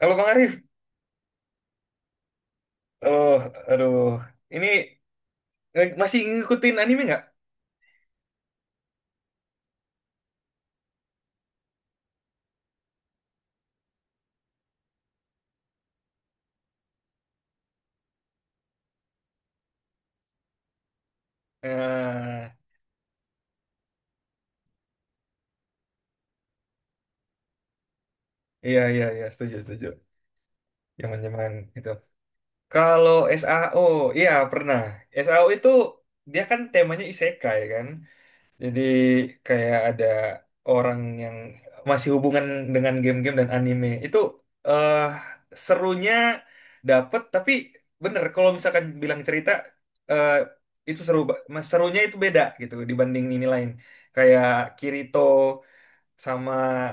Kalau Bang Arif, aduh, aduh, ini masih ngikutin anime nggak? Eh, iya iya iya, setuju setuju. Zaman-zaman itu. Kalau SAO, iya pernah. SAO itu dia kan temanya isekai kan. Jadi kayak ada orang yang masih hubungan dengan game-game dan anime. Itu eh serunya dapet, tapi bener kalau misalkan bilang cerita eh itu seru, serunya itu beda gitu dibanding ini lain. Kayak Kirito sama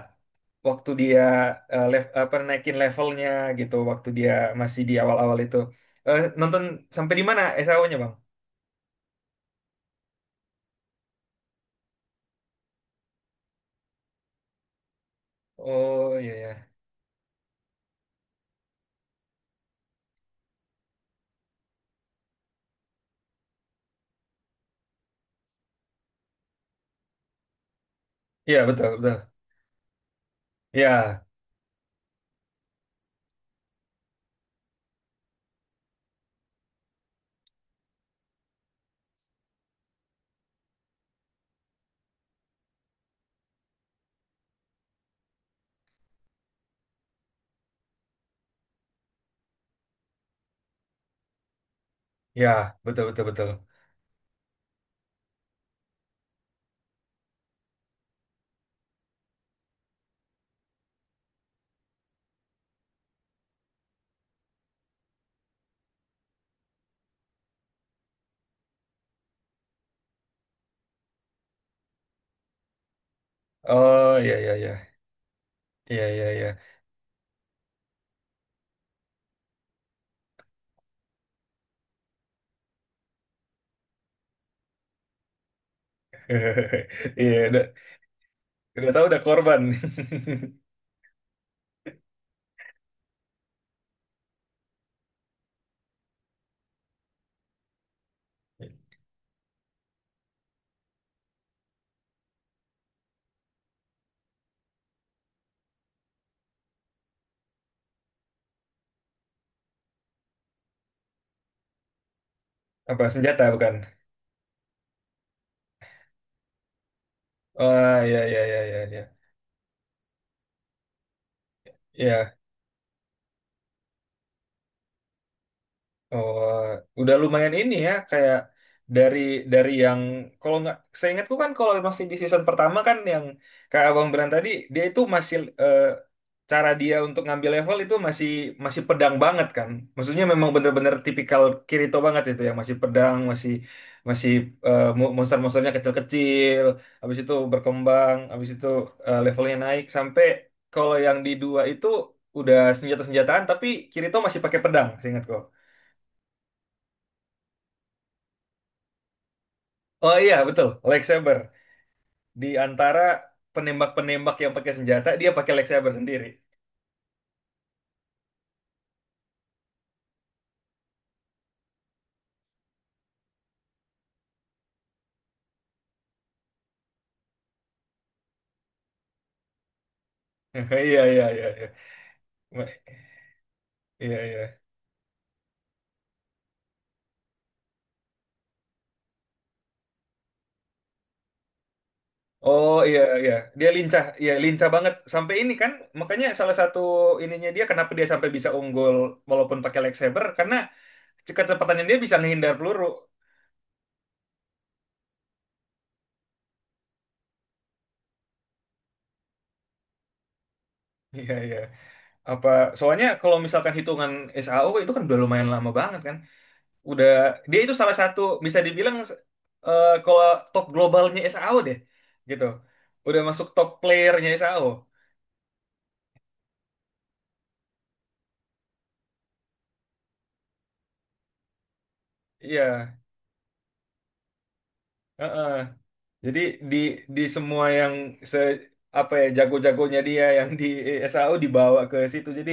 waktu dia apa naikin levelnya gitu, waktu dia masih di awal-awal itu. Eh nonton sampai di mana SAO-nya, Bang? Oh iya iya. Iya betul betul. Iya. Ya, betul betul betul. Oh ya ya ya. Iya iya iya. Iya udah tahu udah korban. Apa senjata bukan? Oh ya ya ya ya ya. Ya. Oh, udah lumayan ini ya kayak dari dari yang kalau nggak saya ingatku kan kalau masih di season pertama kan yang kayak Abang Beran tadi dia itu masih eh, cara dia untuk ngambil level itu masih masih pedang banget kan. Maksudnya memang bener-bener tipikal Kirito banget itu yang masih pedang, masih masih monster-monsternya kecil-kecil, habis itu berkembang, habis itu levelnya naik sampai kalau yang di dua itu udah senjata-senjataan tapi Kirito masih pakai pedang, seingatku. Oh iya betul, lightsaber. Di antara penembak-penembak yang pakai senjata, dia pakai lightsaber sendiri. Iya iya iya iya. Ma- Iya iya. Oh iya iya, dia lincah, iya lincah banget. Sampai ini kan, makanya salah satu ininya dia kenapa dia sampai bisa unggul walaupun pakai lightsaber karena kecepatannya dia bisa ngehindar peluru. Iya iya. Apa soalnya kalau misalkan hitungan SAO itu kan udah lumayan lama banget kan. Udah dia itu salah satu bisa dibilang kalau top globalnya SAO deh gitu. Udah masuk top playernya SAO. Iya, heeh. Jadi di di semua yang se apa ya jago-jagonya dia yang di SAO dibawa ke situ. Jadi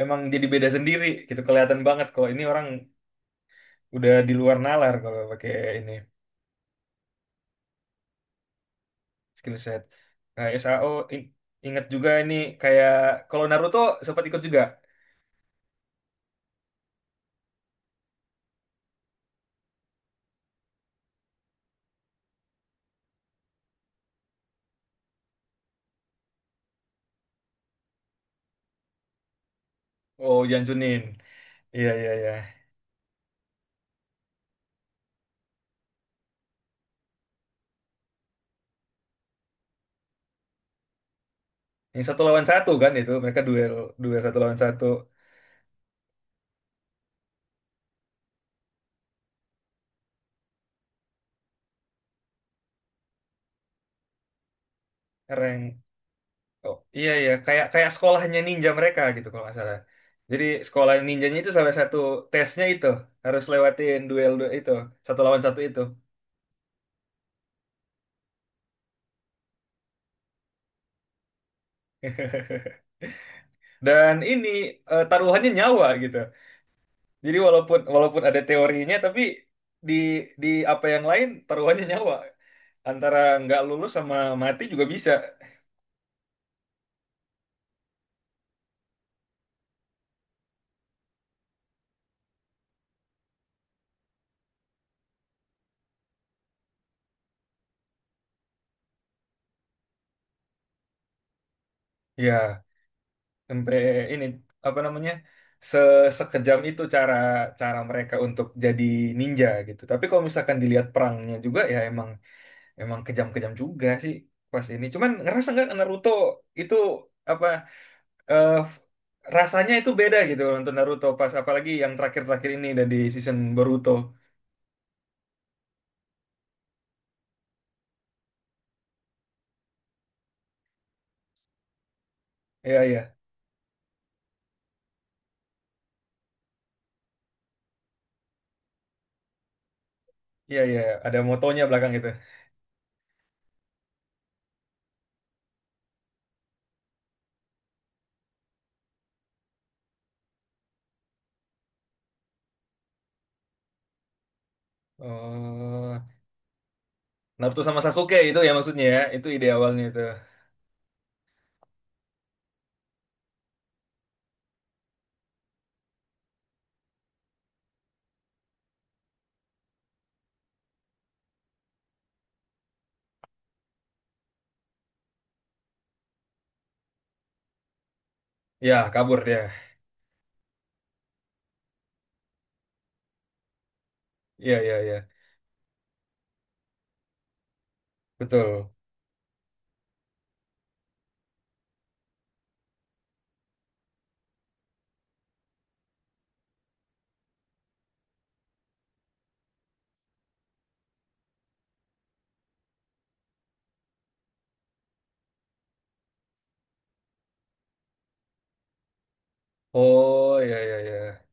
emang jadi beda sendiri gitu kelihatan banget kalau ini orang udah di luar nalar kalau pakai ini skill set. Nah, SAO in- ingat juga ini kayak kalau Naruto sempat ikut juga. Oh, Janjunin. Iya, iya, iya. Yang satu lawan satu kan itu mereka duel duel satu lawan satu rank. Oh iya iya kayak kayak sekolahnya ninja mereka gitu kalau nggak salah. Jadi sekolah ninjanya itu salah satu tesnya itu harus lewatin duel duel itu satu lawan satu itu. Dan ini taruhannya nyawa gitu. Jadi walaupun walaupun ada teorinya tapi di di apa yang lain taruhannya nyawa. Antara nggak lulus sama mati juga bisa. Ya sampai ini apa namanya se sekejam itu cara cara mereka untuk jadi ninja gitu tapi kalau misalkan dilihat perangnya juga ya emang emang kejam-kejam juga sih pas ini cuman ngerasa nggak Naruto itu apa eh, f- rasanya itu beda gitu untuk Naruto pas apalagi yang terakhir-terakhir ini dan di season Boruto, iya iya iya iya, ada motonya belakang itu. Oh Naruto sama Sasuke itu ya maksudnya ya itu ide awalnya itu. Ya kabur dia. Iya iya iya. Betul. Oh ya ya ya,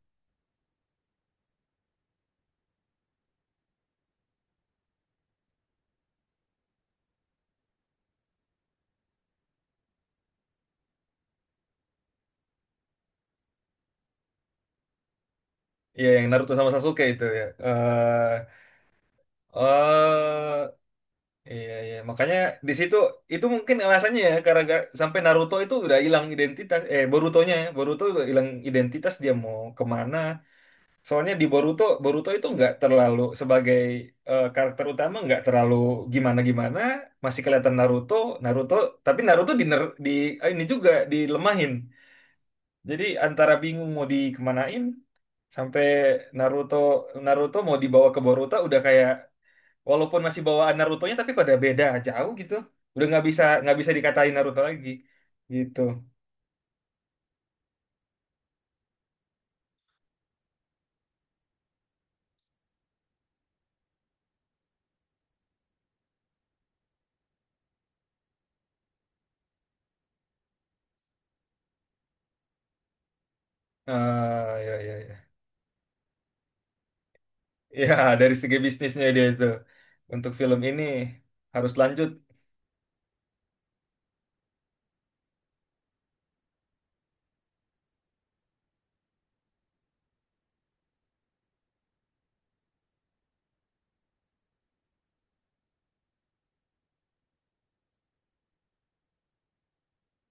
ya yang Naruto sama Sasuke itu ya. Eh iya iya makanya di situ itu mungkin alasannya ya karena sampai Naruto itu udah hilang identitas Borutonya ya. Boruto udah hilang identitas dia mau kemana. Soalnya di Boruto, Boruto itu nggak terlalu sebagai karakter utama nggak terlalu gimana gimana masih kelihatan Naruto, Naruto tapi Naruto di ini juga dilemahin. Jadi antara bingung mau dikemanain sampai Naruto Naruto mau dibawa ke Boruto udah kayak walaupun masih bawaan Narutonya tapi kok ada beda jauh gitu. Udah nggak bisa dikatain Naruto lagi gitu. Ah ya ya ya. Ya dari segi bisnisnya dia itu untuk film ini harus lanjut.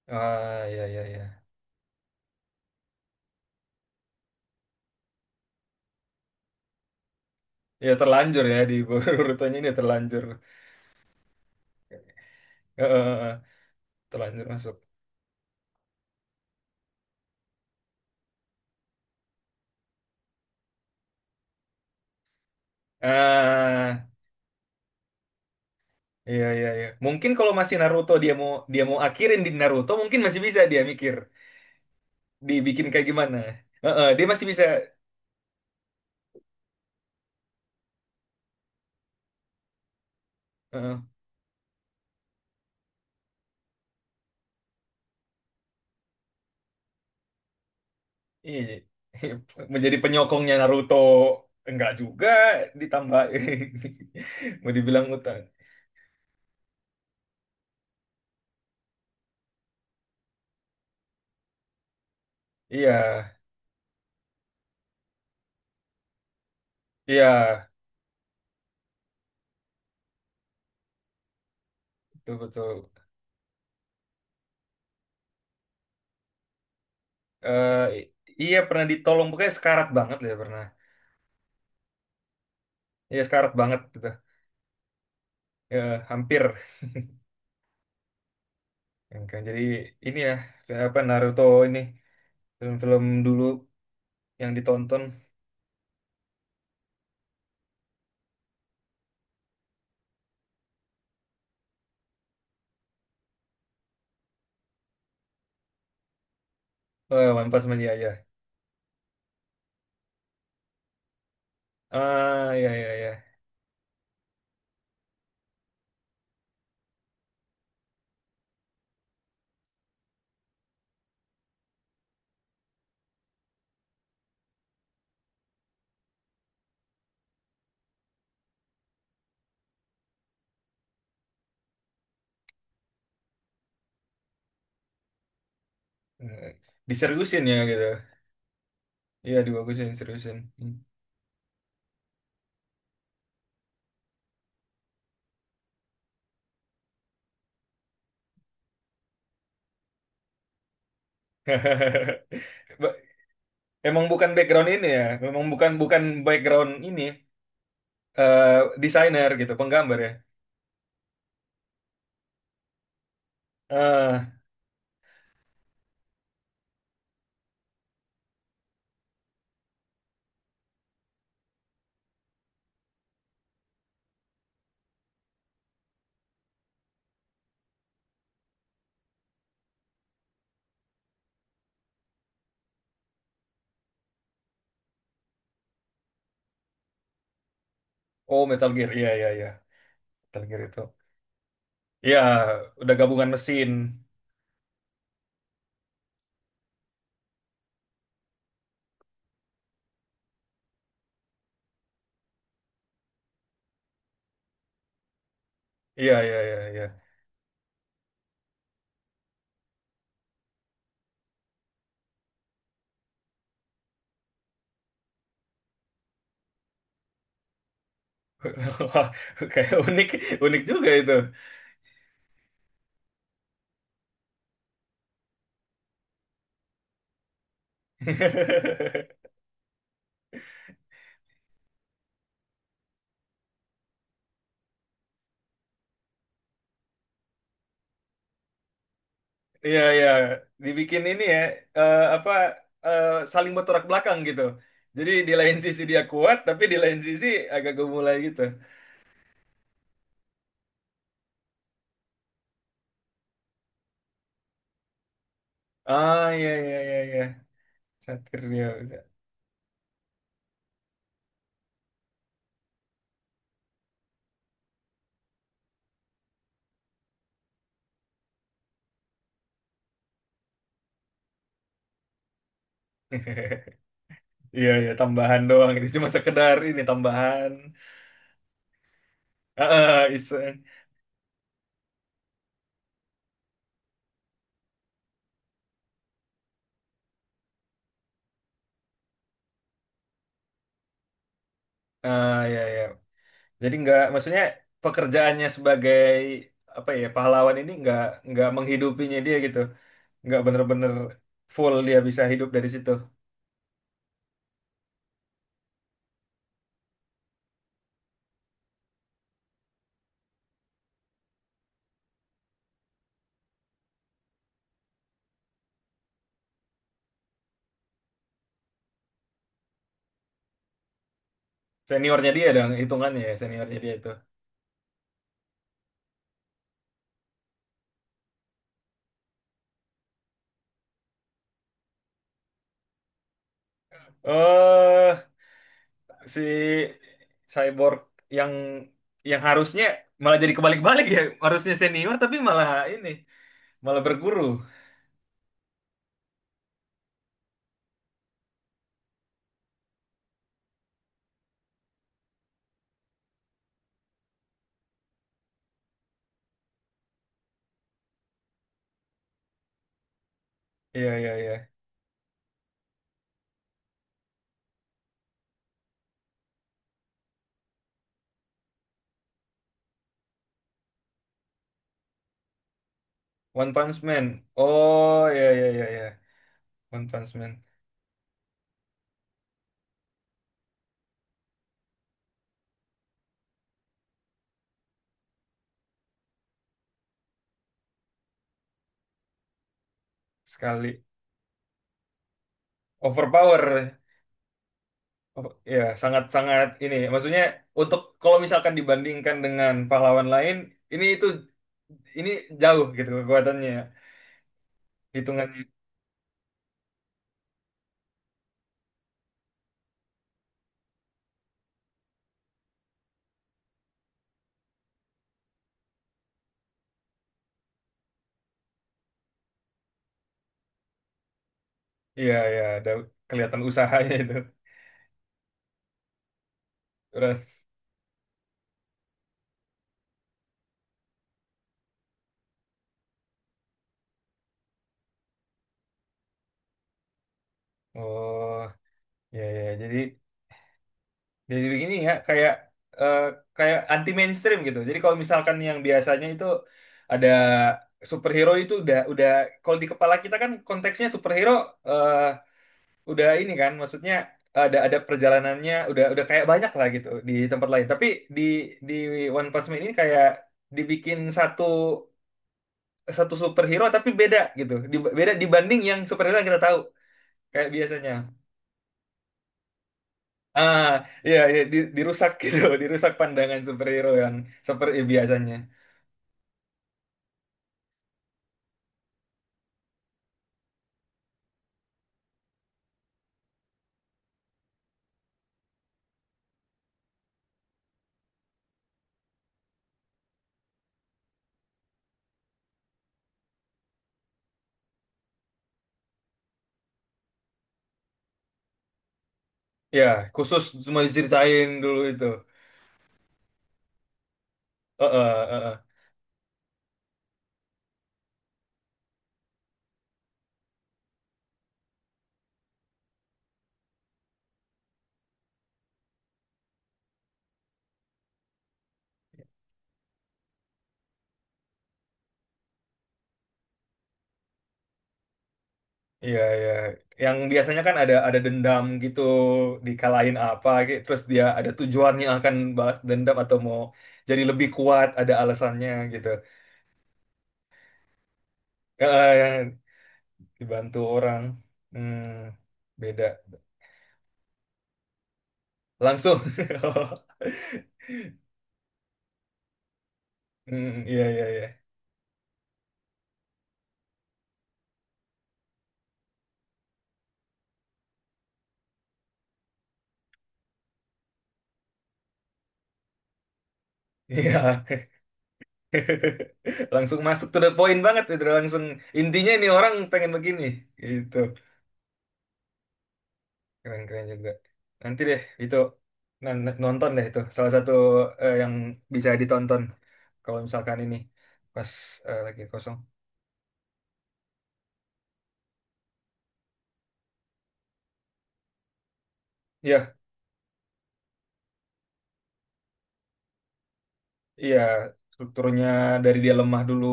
Ah ya ya ya. Ya terlanjur ya di Borutonya ini terlanjur. Eh, eh, eh, terlanjur masuk. Ah, Iya iya iya. Mungkin kalau masih Naruto dia mau akhirin di Naruto mungkin masih bisa dia mikir dibikin kayak gimana. Heeh, dia masih bisa heeh. Iya, iya. Menjadi penyokongnya Naruto enggak juga ditambah mau dibilang utang. Iya iya betul betul. Eh, i- iya pernah ditolong pokoknya sekarat banget lah ya pernah. Iya sekarat banget gitu. Ya, hampir. Yang kayak jadi ini ya kayak apa Naruto ini film-film dulu yang ditonton. Oh, One Punch Man, ya, ya. Ah, ya, ya, ya. Eh, Diseriusin ya, gitu. Iya, dibagusin, diseriusin. Hmm. Ba- Emang bukan background ini ya, memang bukan bukan background ini, eh desainer gitu, penggambar ya. Ah, oh Metal Gear, iya, iya, iya. Metal Gear itu. Iya, udah gabungan mesin. Iya, iya, iya, iya. Wah, kayak unik, unik juga itu. Iya, iya. Dibikin ini ya, eh, apa eh, saling bertolak belakang gitu. Jadi di lain sisi dia kuat, tapi di lain sisi agak gemulai gitu. Ah, iya, iya, iya, iya. Satir dia. Bisa. Iya, iya, tambahan doang. Itu cuma sekedar ini tambahan. Ah, ah, iseng. Ah, iya, iya. Jadi nggak, maksudnya pekerjaannya sebagai apa ya pahlawan ini nggak menghidupinya dia gitu. Nggak bener-bener full dia bisa hidup dari situ. Seniornya dia dong, hitungannya ya, seniornya dia itu. Eh, si Cyborg yang harusnya malah jadi kebalik-balik ya, harusnya senior tapi malah ini, malah berguru. Iya, iya, iya. One Punch Man. Oh, iya, iya, iya, iya. One Punch Man. Sekali. Overpower. Oh, iya, sangat-sangat ini. Maksudnya, untuk kalau misalkan dibandingkan dengan pahlawan lain, ini itu, ini jauh gitu kekuatannya. Hitungannya. Iya, iya, ada kelihatan usahanya itu. Terus, oh, iya, iya. iya. Jadi begini ya, kayak eh, kayak anti mainstream gitu. Jadi kalau misalkan yang biasanya itu ada superhero itu udah kalau di kepala kita kan konteksnya superhero eh udah ini kan, maksudnya ada perjalanannya udah kayak banyak lah gitu di tempat lain. Tapi di di One Punch Man ini kayak dibikin satu satu superhero tapi beda gitu. Beda dibanding yang superhero yang kita tahu, kayak biasanya. Ah, iya, iya, dirusak gitu, dirusak pandangan superhero yang seperti biasanya. Ya, khusus cuma diceritain dulu itu. Heeh, heeh. Iya, iya. Yang biasanya kan ada dendam gitu, dikalahin apa, gitu. Terus dia ada tujuannya akan balas dendam atau mau jadi lebih kuat, ada alasannya gitu. Heeh, yang dibantu orang. Hmm, beda. Langsung. Hmm, iya, iya, iya. Iya. Langsung masuk to the point banget, itu langsung intinya ini orang pengen begini, gitu. Keren-keren juga. Nanti deh itu nonton deh itu salah satu yang bisa ditonton kalau misalkan ini pas lagi kosong. Iya, iya strukturnya dari dia lemah dulu,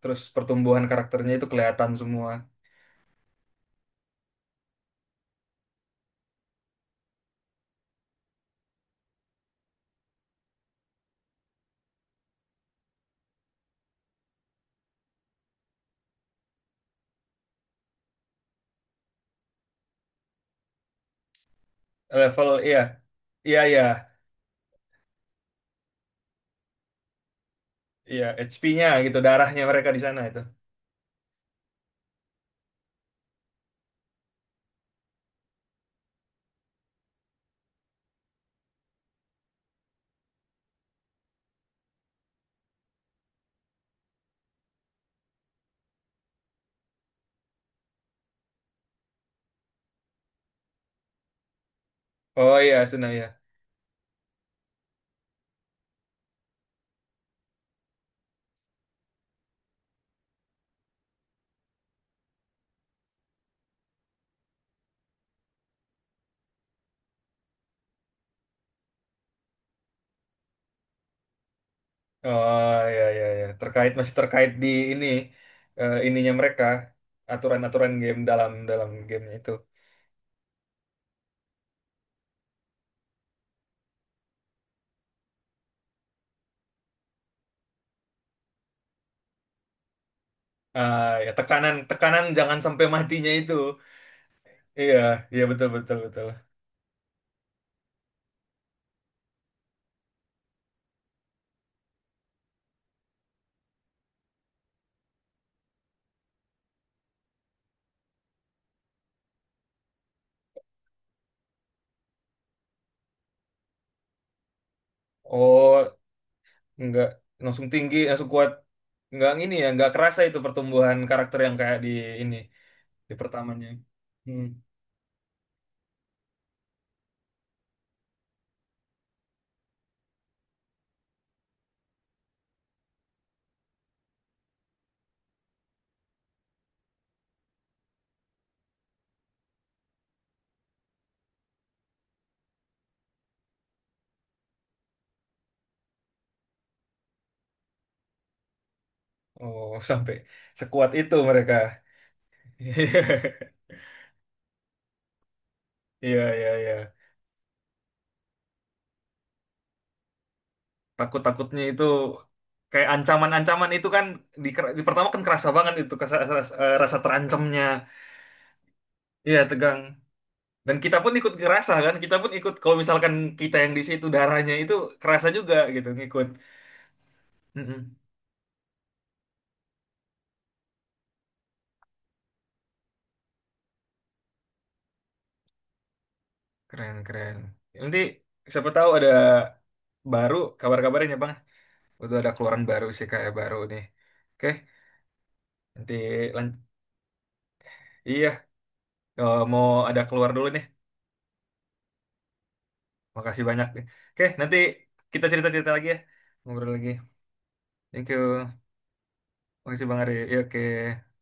terus pertumbuhan karakternya itu kelihatan semua. Level iya, iya, iya HP-nya gitu darahnya mereka di sana itu. Oh iya, Suna ya. Oh ya ya ya terkait masih terkait di ini ininya mereka aturan-aturan game dalam dalam gamenya itu. Ah ya tekanan tekanan jangan sampai matinya itu iya iya betul betul betul. Oh nggak langsung tinggi langsung kuat. Nggak ini ya nggak kerasa itu pertumbuhan karakter yang kayak di ini di pertamanya. Hmm. Oh sampai sekuat itu mereka. Iya iya iya takut-takutnya itu kayak ancaman-ancaman itu kan di, di pertama kan kerasa banget itu rasa, rasa terancamnya iya tegang dan kita pun ikut kerasa kan kita pun ikut kalau misalkan kita yang di situ darahnya itu kerasa juga gitu ngikut. Mm-mm. Keren keren nanti siapa tahu ada baru kabar-kabarnya bang udah ada keluaran baru sih kayak baru nih. Oke nanti lan- iya mau ada keluar dulu nih, makasih banyak nih. Oke nanti kita cerita-cerita lagi ya, ngobrol lagi. Thank you. Makasih Bang Ari. Ya, oke.